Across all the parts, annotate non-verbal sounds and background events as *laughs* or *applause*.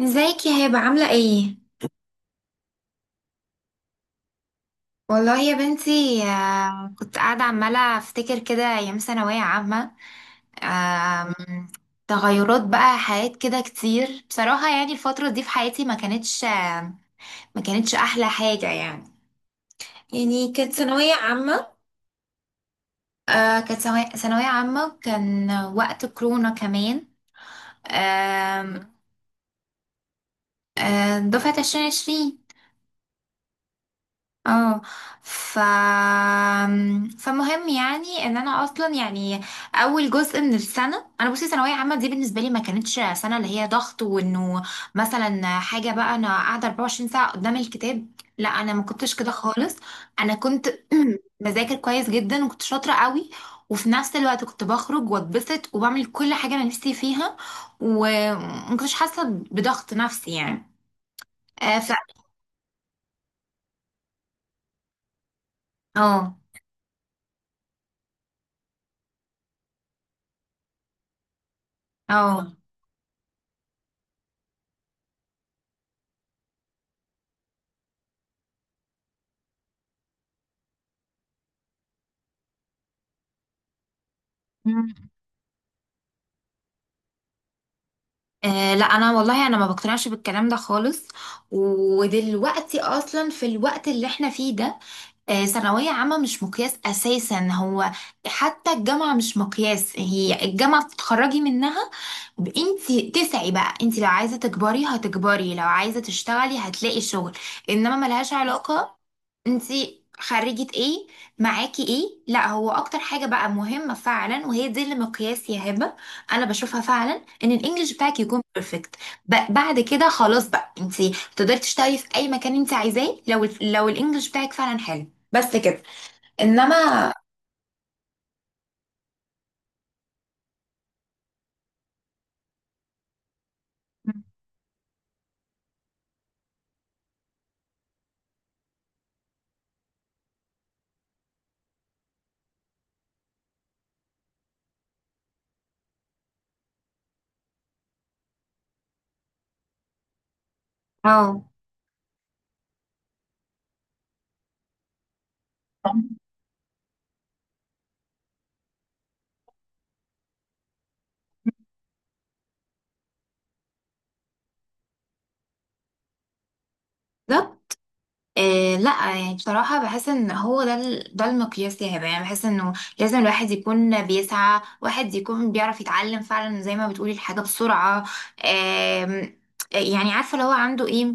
ازيك يا هبة عاملة ايه؟ والله يا بنتي، كنت قاعدة عمالة افتكر كده ايام ثانوية عامة. آم، تغيرات بقى حياة كده كتير بصراحة. يعني الفترة دي في حياتي ما كانتش احلى حاجة يعني. يعني كانت ثانوية عامة. كانت ثانوية عامة، كان وقت كورونا كمان. آم، دفعة 2020. اه ف فمهم يعني ان انا اصلا يعني. اول جزء من السنه انا بصي ثانويه عامه دي بالنسبه لي ما كانتش سنه اللي هي ضغط، وانه مثلا حاجه بقى انا قاعده 24 ساعه قدام الكتاب. لا، انا ما كنتش كده خالص. انا كنت *clears throat* بذاكر كويس جدا، وكنت شاطره قوي. وفي نفس الوقت كنت بخرج واتبسط وبعمل كل حاجه انا نفسي فيها، وما كنتش حاسه بضغط نفسي يعني. آه، ف اه اه آه لا، انا والله انا ما بقتنعش بالكلام ده خالص. ودلوقتي اصلا في الوقت اللي احنا فيه ده، ثانوية عامة مش مقياس اساسا هو. حتى الجامعة مش مقياس، هي الجامعة بتتخرجي منها، انتي تسعي بقى. انتي لو عايزة تكبري هتكبري، لو عايزة تشتغلي هتلاقي شغل، انما ملهاش علاقة انتي خريجة ايه معاكي ايه. لا، هو اكتر حاجة بقى مهمة فعلا وهي دي اللي مقياس يا هبة، انا بشوفها فعلا، ان الانجليش بتاعك يكون بيرفكت. بعد كده خلاص بقى انتي تقدري تشتغلي في اي مكان انتي عايزاه لو لو الانجليش بتاعك فعلا حلو. بس كده. انما اه، بالظبط. إيه، لا يعني بصراحة بحس ان هو ده ده المقياس يا هبة. يعني بحس انه لازم الواحد يكون بيسعى، واحد يكون بيعرف يتعلم فعلا زي ما بتقولي الحاجة بسرعة. آم، يعني عارفة اللي هو عنده ايه.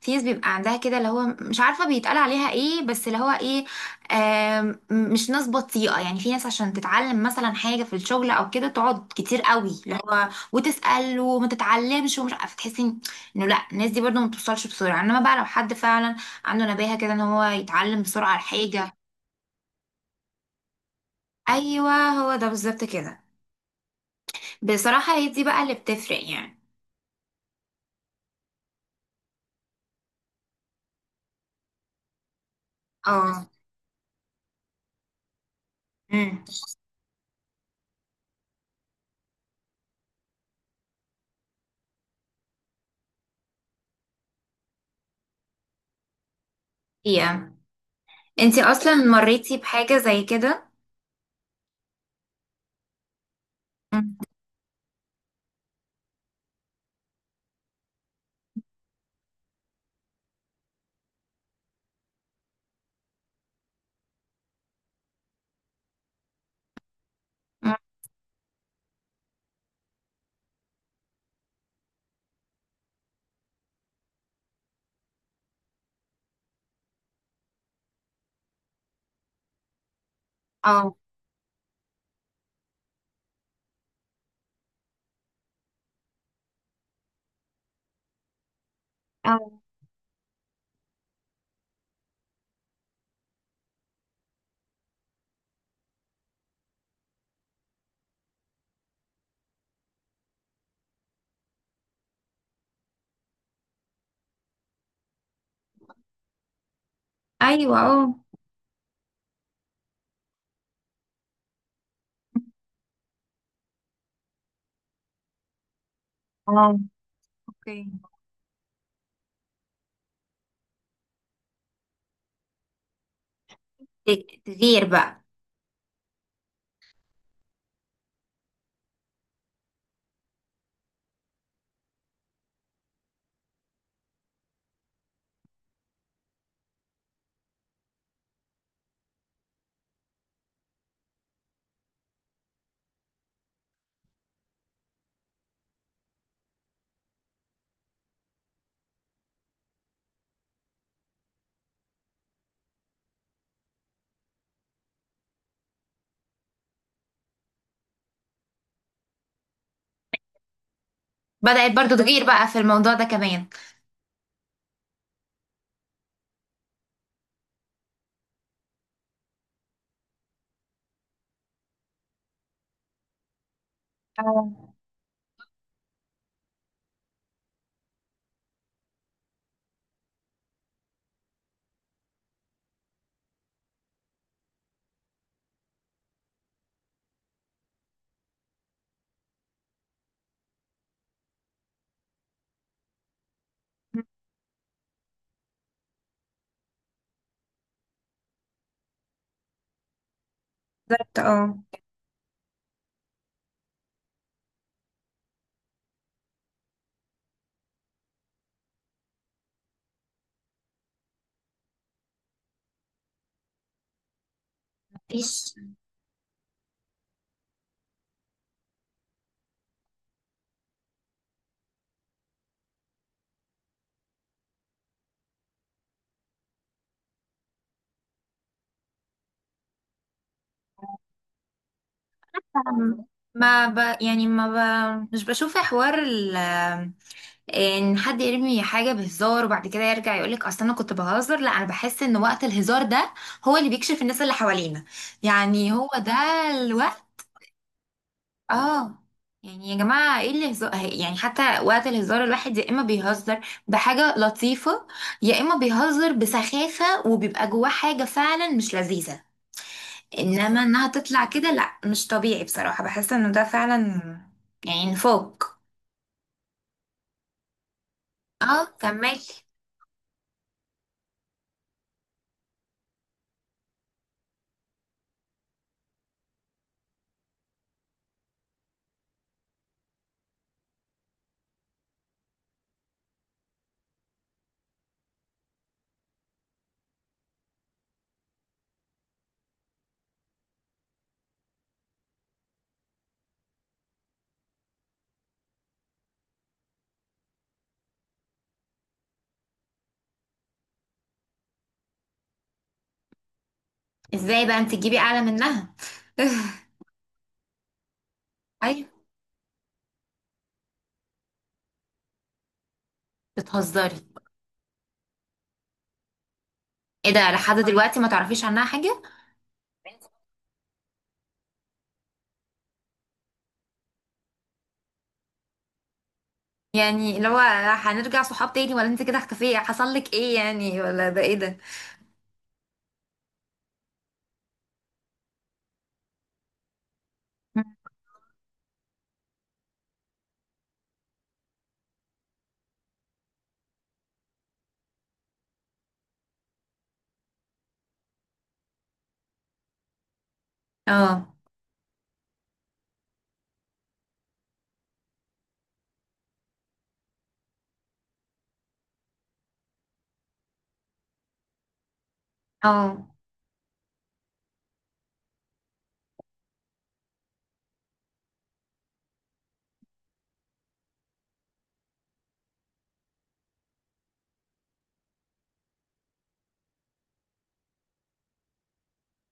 في ناس بيبقى عندها كده اللي هو مش عارفة بيتقال عليها ايه بس اللي هو ايه، مش ناس بطيئة. يعني في ناس عشان تتعلم مثلا حاجة في الشغل او كده تقعد كتير قوي اللي هو وتسأل، وما تتعلمش ومش عارفة تحسي انه لا، الناس دي برضه ما بتوصلش بسرعة. انما بقى لو حد فعلا عنده نباهة كده ان هو يتعلم بسرعة على حاجة. ايوه، هو ده بالظبط كده. بصراحة هي دي بقى اللي بتفرق يعني. اه، امم يا انتي اصلا مريتي بحاجة زي كده؟ أمم. أمم. اه. اه. ايوه. اه. اه. اوكي. تغير بقى. بدأت برضو تغير بقى في الموضوع ده كمان. اه، بالظبط. اه. مفيش. ما ب... يعني ما ب... مش بشوف حوار ان حد يرمي حاجه بهزار وبعد كده يرجع يقولك اصل انا كنت بهزر. لا، انا بحس ان وقت الهزار ده هو اللي بيكشف الناس اللي حوالينا. يعني هو ده الوقت. اه. يعني يا جماعه، ايه اللي هزار؟ يعني حتى وقت الهزار الواحد يا اما بيهزر بحاجه لطيفه، يا اما بيهزر بسخافه وبيبقى جواه حاجه فعلا مش لذيذه. انما انها تطلع كده، لا، مش طبيعي بصراحه. بحس انه ده فعلا يعني فوق. اه، كملي. ازاي بقى انت تجيبي اعلى منها؟ *laughs* ايوه، بتهزري. ايه ده؟ لحد دلوقتي ما تعرفيش عنها حاجه؟ يعني اللي هو هنرجع صحاب تاني ولا انت كده اختفيه؟ حصل لك ايه يعني؟ ولا ده ايه ده؟ اه. اه.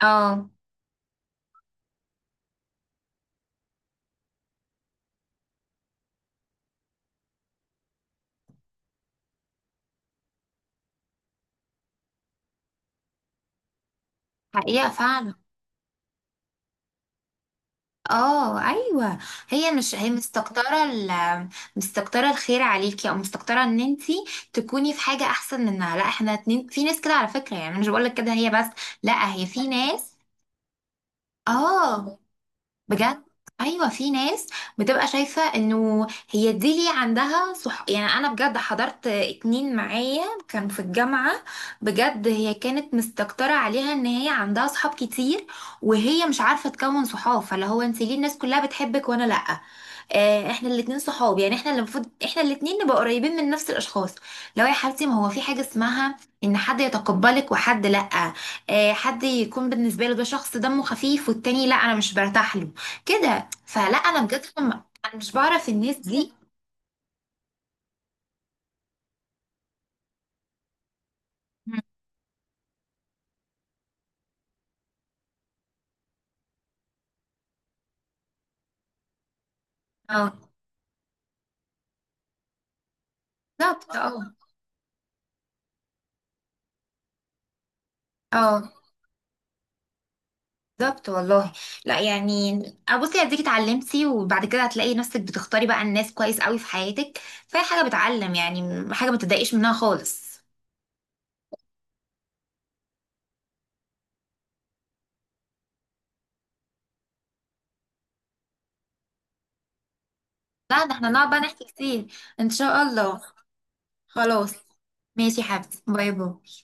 اه. حقيقة فعلا. اه. ايوه. هي مش هي مستكترة ال مستكترة الخير عليكي، او مستكترة ان انتي تكوني في حاجة احسن منها. لا، احنا اتنين، في ناس كده على فكرة، يعني مش بقولك كده هي بس، لا هي في ناس. اه، بجد. ايوه، في ناس بتبقى شايفه انه هي دي ليه عندها صح. يعني انا بجد حضرت اتنين معايا كان في الجامعه، بجد هي كانت مستكتره عليها ان هي عندها صحاب كتير، وهي مش عارفه تكون صحاب. فاللي هو انت ليه الناس كلها بتحبك وانا لا؟ احنا الاتنين صحاب يعني، احنا اللي المفروض احنا الاتنين نبقى قريبين من نفس الاشخاص. لو يا حبيبتي، ما هو في حاجه اسمها ان حد يتقبلك وحد لا. حد يكون بالنسبه له ده شخص دمه خفيف، والتاني لا انا مش برتاح له كده. فلا انا بجد انا مش بعرف الناس دي. مم. اه، بالظبط. اه. اه، بالظبط والله. لا يعني، بصي اديكي اتعلمتي، وبعد كده هتلاقي نفسك بتختاري بقى الناس كويس قوي في حياتك. فهي حاجه بتعلم يعني، حاجه ما تضايقيش منها خالص. لا ده احنا نقعد بقى نحكي كتير ان شاء الله. خلاص. ماشي يا حبيبتي باي باي.